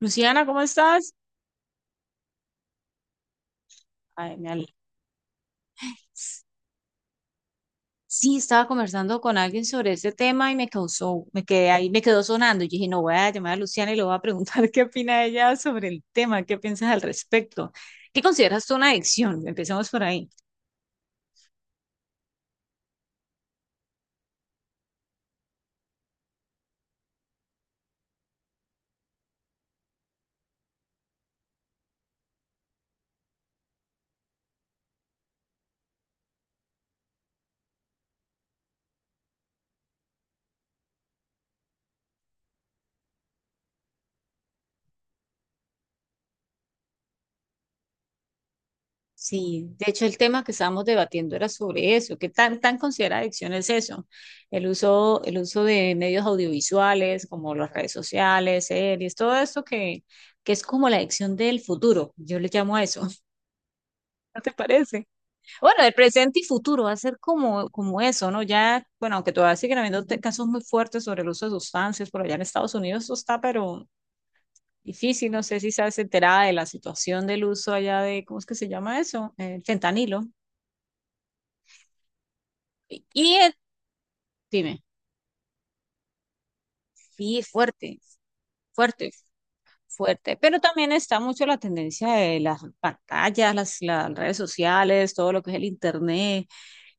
Luciana, ¿cómo estás? Ay, me ale- Sí, estaba conversando con alguien sobre ese tema y me causó, me quedé ahí, me quedó sonando. Y dije, no, voy a llamar a Luciana y le voy a preguntar qué opina ella sobre el tema, qué piensas al respecto. ¿Qué consideras tú una adicción? Empecemos por ahí. Sí, de hecho el tema que estábamos debatiendo era sobre eso, qué tan considera adicción es eso, el uso de medios audiovisuales como las redes sociales, series, todo esto que es como la adicción del futuro, yo le llamo a eso. ¿No te parece? Bueno, el presente y futuro va a ser como, como eso, ¿no? Ya, bueno, aunque todavía siguen habiendo te- casos muy fuertes sobre el uso de sustancias, por allá en Estados Unidos eso está, pero difícil, no sé si sabes enterada de la situación del uso allá de, ¿cómo es que se llama eso? El fentanilo. Y el- dime, sí, fuerte, fuerte, fuerte, pero también está mucho la tendencia de las pantallas, las redes sociales, todo lo que es el internet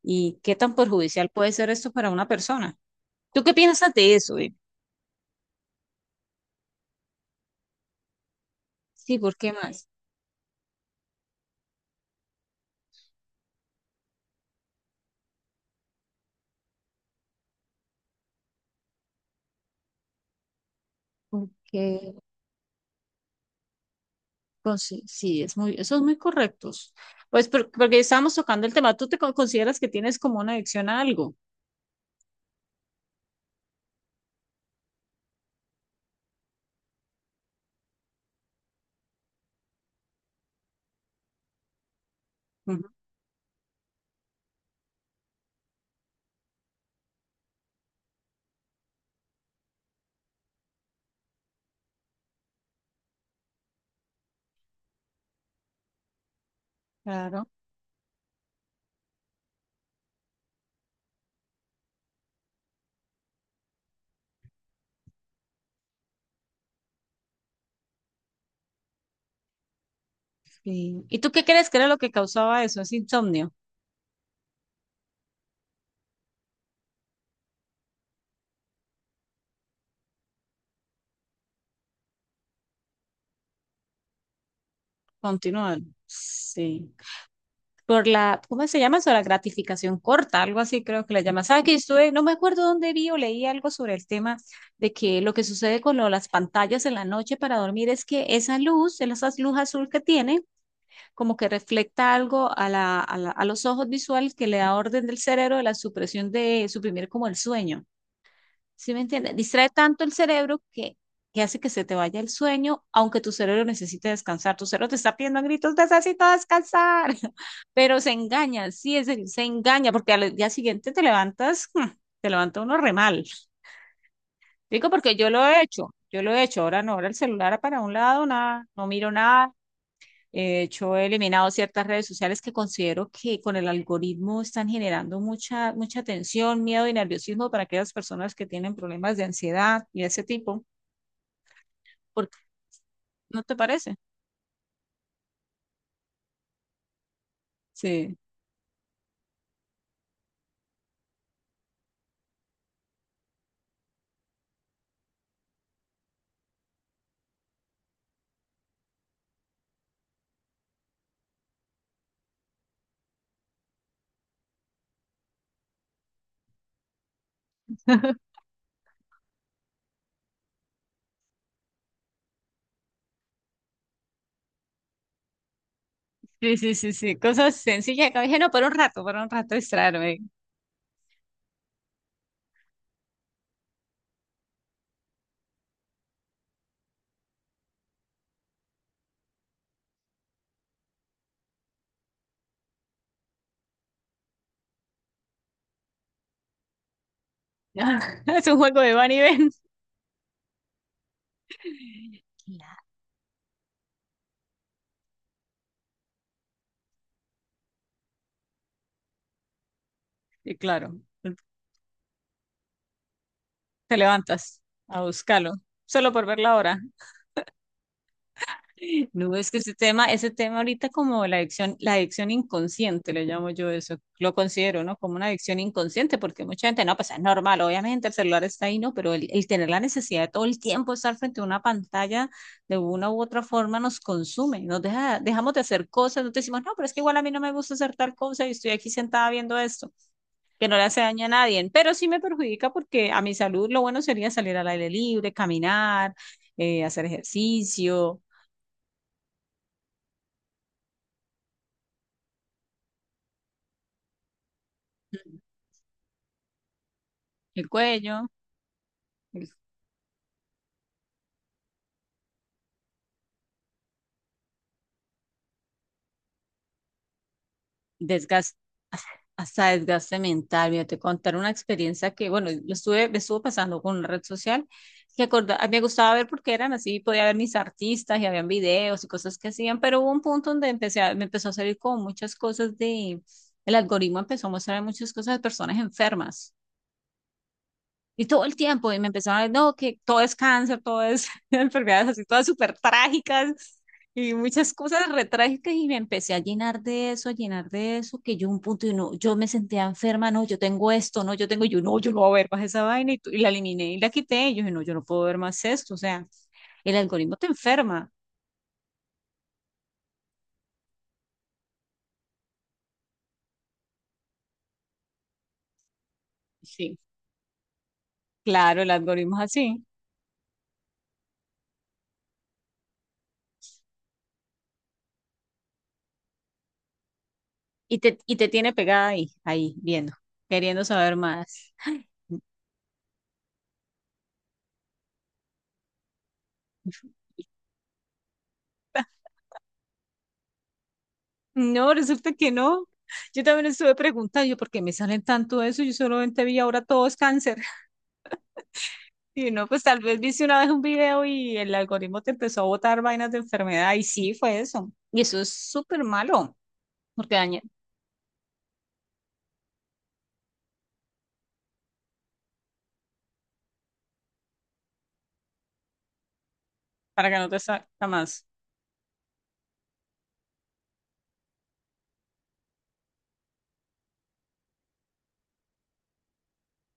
y qué tan perjudicial puede ser esto para una persona. ¿Tú qué piensas de eso? Sí, ¿por qué más? Porque pues, sí, sí, es muy, eso es muy correctos. Pues por- porque estábamos tocando el tema, ¿tú te co- consideras que tienes como una adicción a algo? Ujú. Claro. Sí. ¿Y tú qué crees que era lo que causaba eso? Es insomnio. Continuar. Sí. Por la, ¿cómo se llama eso? La gratificación corta, algo así creo que le llaman. ¿Sabes que estuve, no me acuerdo dónde vi o leí algo sobre el tema de que lo que sucede con lo- las pantallas en la noche para dormir es que esa luz azul que tienen, como que refleja algo a la- a la- a los ojos visuales que le da orden del cerebro de la supresión de suprimir como el sueño. ¿Sí me entiendes? Distrae tanto el cerebro que hace que se te vaya el sueño, aunque tu cerebro necesite descansar. Tu cerebro te está pidiendo a gritos, necesito descansar, pero se engaña, sí, es el- se engaña, porque al día siguiente te levantas, te levanta uno re mal. Digo, porque yo lo he hecho, yo lo he hecho, ahora no, ahora el celular para un lado, nada, no miro nada de hecho, he eliminado ciertas redes sociales que considero que con el algoritmo están generando mucha, mucha tensión, miedo y nerviosismo para aquellas personas que tienen problemas de ansiedad y ese tipo. Porque, ¿no te parece? Sí. Sí, sí, sí, sí. Cosas sencillas que dije, no, para un rato distraerme. Es un juego de van y ven. Claro. Y claro, te levantas a buscarlo, solo por ver la hora. No, es que ese tema ahorita como la adicción inconsciente, le llamo yo eso, lo considero, ¿no? Como una adicción inconsciente, porque mucha gente, no, pues es normal, obviamente el celular está ahí, ¿no? Pero el tener la necesidad de todo el tiempo estar frente a una pantalla de una u otra forma nos consume, nos deja, dejamos de hacer cosas, no te decimos, no, pero es que igual a mí no me gusta hacer tal cosa y estoy aquí sentada viendo esto, que no le hace daño a nadie, pero sí me perjudica porque a mi salud lo bueno sería salir al aire libre, caminar, hacer ejercicio. El cuello, el desgaste, hasta desgaste mental. Mira, te contar una experiencia que, bueno, lo estuve, me estuvo pasando con una red social que acorda- a mí me gustaba ver porque eran así, podía ver mis artistas y habían videos y cosas que hacían, pero hubo un punto donde empecé a- me empezó a salir como muchas cosas de, el algoritmo empezó a mostrar muchas cosas de personas enfermas. Y todo el tiempo, y me empezaron a decir, no, que todo es cáncer, todo es enfermedades así, todas súper trágicas y muchas cosas re trágicas, y me empecé a llenar de eso, a llenar de eso, que yo un punto, y no, yo me sentía enferma, no, yo tengo esto, no, yo tengo, y yo no, yo no voy a ver más esa vaina, y, tu- y la eliminé y la quité, y yo dije, no, yo no puedo ver más esto, o sea, el algoritmo te enferma. Sí, claro, el algoritmo es así, y te tiene pegada ahí, ahí, viendo, queriendo saber más. No, resulta que no. Yo también estuve preguntando, yo, ¿por qué me salen tanto eso? Yo solamente vi ahora todo es cáncer. Y no, pues tal vez viste una vez un video y el algoritmo te empezó a botar vainas de enfermedad y sí, fue eso. Y eso es súper malo, porque daña, para que no te salga más.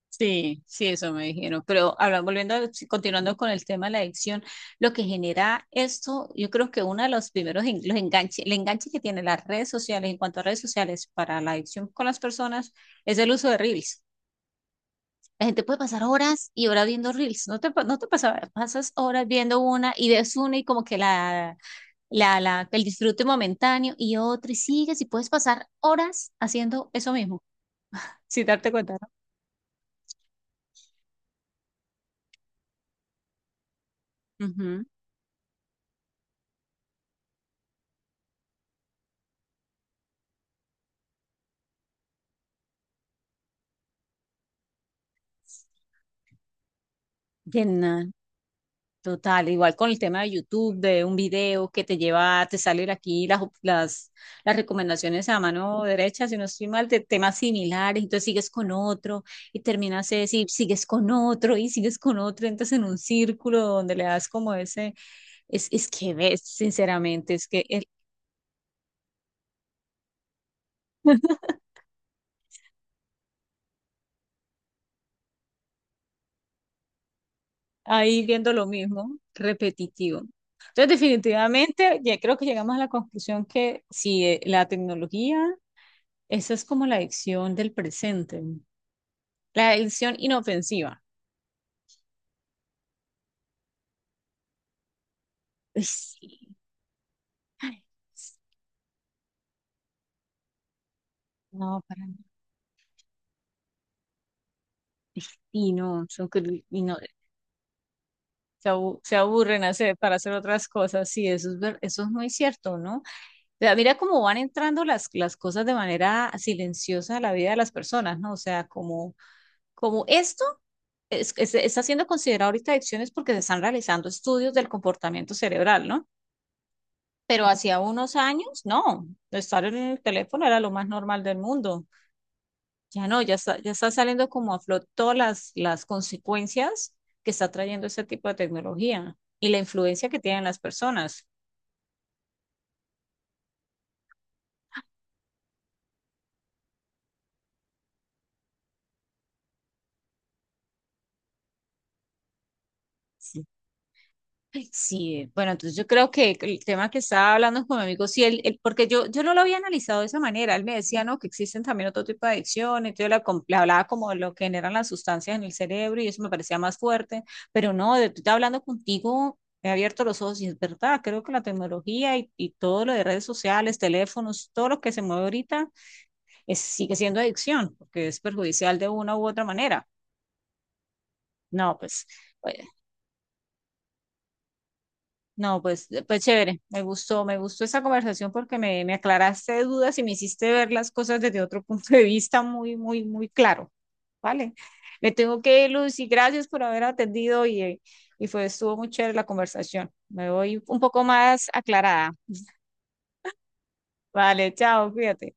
Sí, sí, eso me dijeron. Pero ahora volviendo, a- sí, continuando con el tema de la adicción, lo que genera esto, yo creo que uno de los primeros en- los enganches, el enganche que tienen las redes sociales, en cuanto a redes sociales, para la adicción con las personas, es el uso de Reels. La gente puede pasar horas y horas viendo Reels. No te, pa- no te pasa, pasas horas viendo una y ves una y como que el disfrute momentáneo y otra y sigues y puedes pasar horas haciendo eso mismo, sin darte cuenta, ¿no? Ujú. Bien, total, igual con el tema de YouTube, de un video que te lleva, te salen aquí las, op- las, las recomendaciones a mano derecha, si no estoy mal, de temas similares, entonces sigues con otro y terminas de decir, sigues con otro y sigues con otro, entras en un círculo donde le das como ese, es que ves, sinceramente, es que el- ahí viendo lo mismo, repetitivo. Entonces, definitivamente, ya creo que llegamos a la conclusión que si la tecnología, esa es como la adicción del presente. La edición inofensiva. Uy, sí. Ay, no, para mí. Y no, son cru- y no, se abu- se aburren hacer, para hacer otras cosas. Sí, eso es, ver- eso es muy cierto, ¿no? O sea, mira cómo van entrando las cosas de manera silenciosa a la vida de las personas, ¿no? O sea, como, como esto es- está siendo considerado ahorita adicciones porque se están realizando estudios del comportamiento cerebral, ¿no? Pero hacía unos años, no, estar en el teléfono era lo más normal del mundo. Ya no, ya está saliendo como a flot todas las consecuencias que está trayendo ese tipo de tecnología y la influencia que tienen las personas. Sí, bueno, entonces yo creo que el tema que estaba hablando con mi amigo, sí, él- porque yo no lo había analizado de esa manera, él me decía, no, que existen también otro tipo de adicciones, yo la com- le hablaba como de lo que generan las sustancias en el cerebro y eso me parecía más fuerte, pero no, de hablando contigo me he abierto los ojos y es verdad, creo que la tecnología y todo lo de redes sociales, teléfonos, todo lo que se mueve ahorita es, sigue siendo adicción, porque es perjudicial de una u otra manera. No, pues. No, pues, pues chévere, me gustó esa conversación porque me aclaraste dudas y me hiciste ver las cosas desde otro punto de vista muy, muy, muy claro. Vale, me tengo que ir, Lucy, gracias por haber atendido y fue, estuvo muy chévere la conversación. Me voy un poco más aclarada. Vale, chao, cuídate.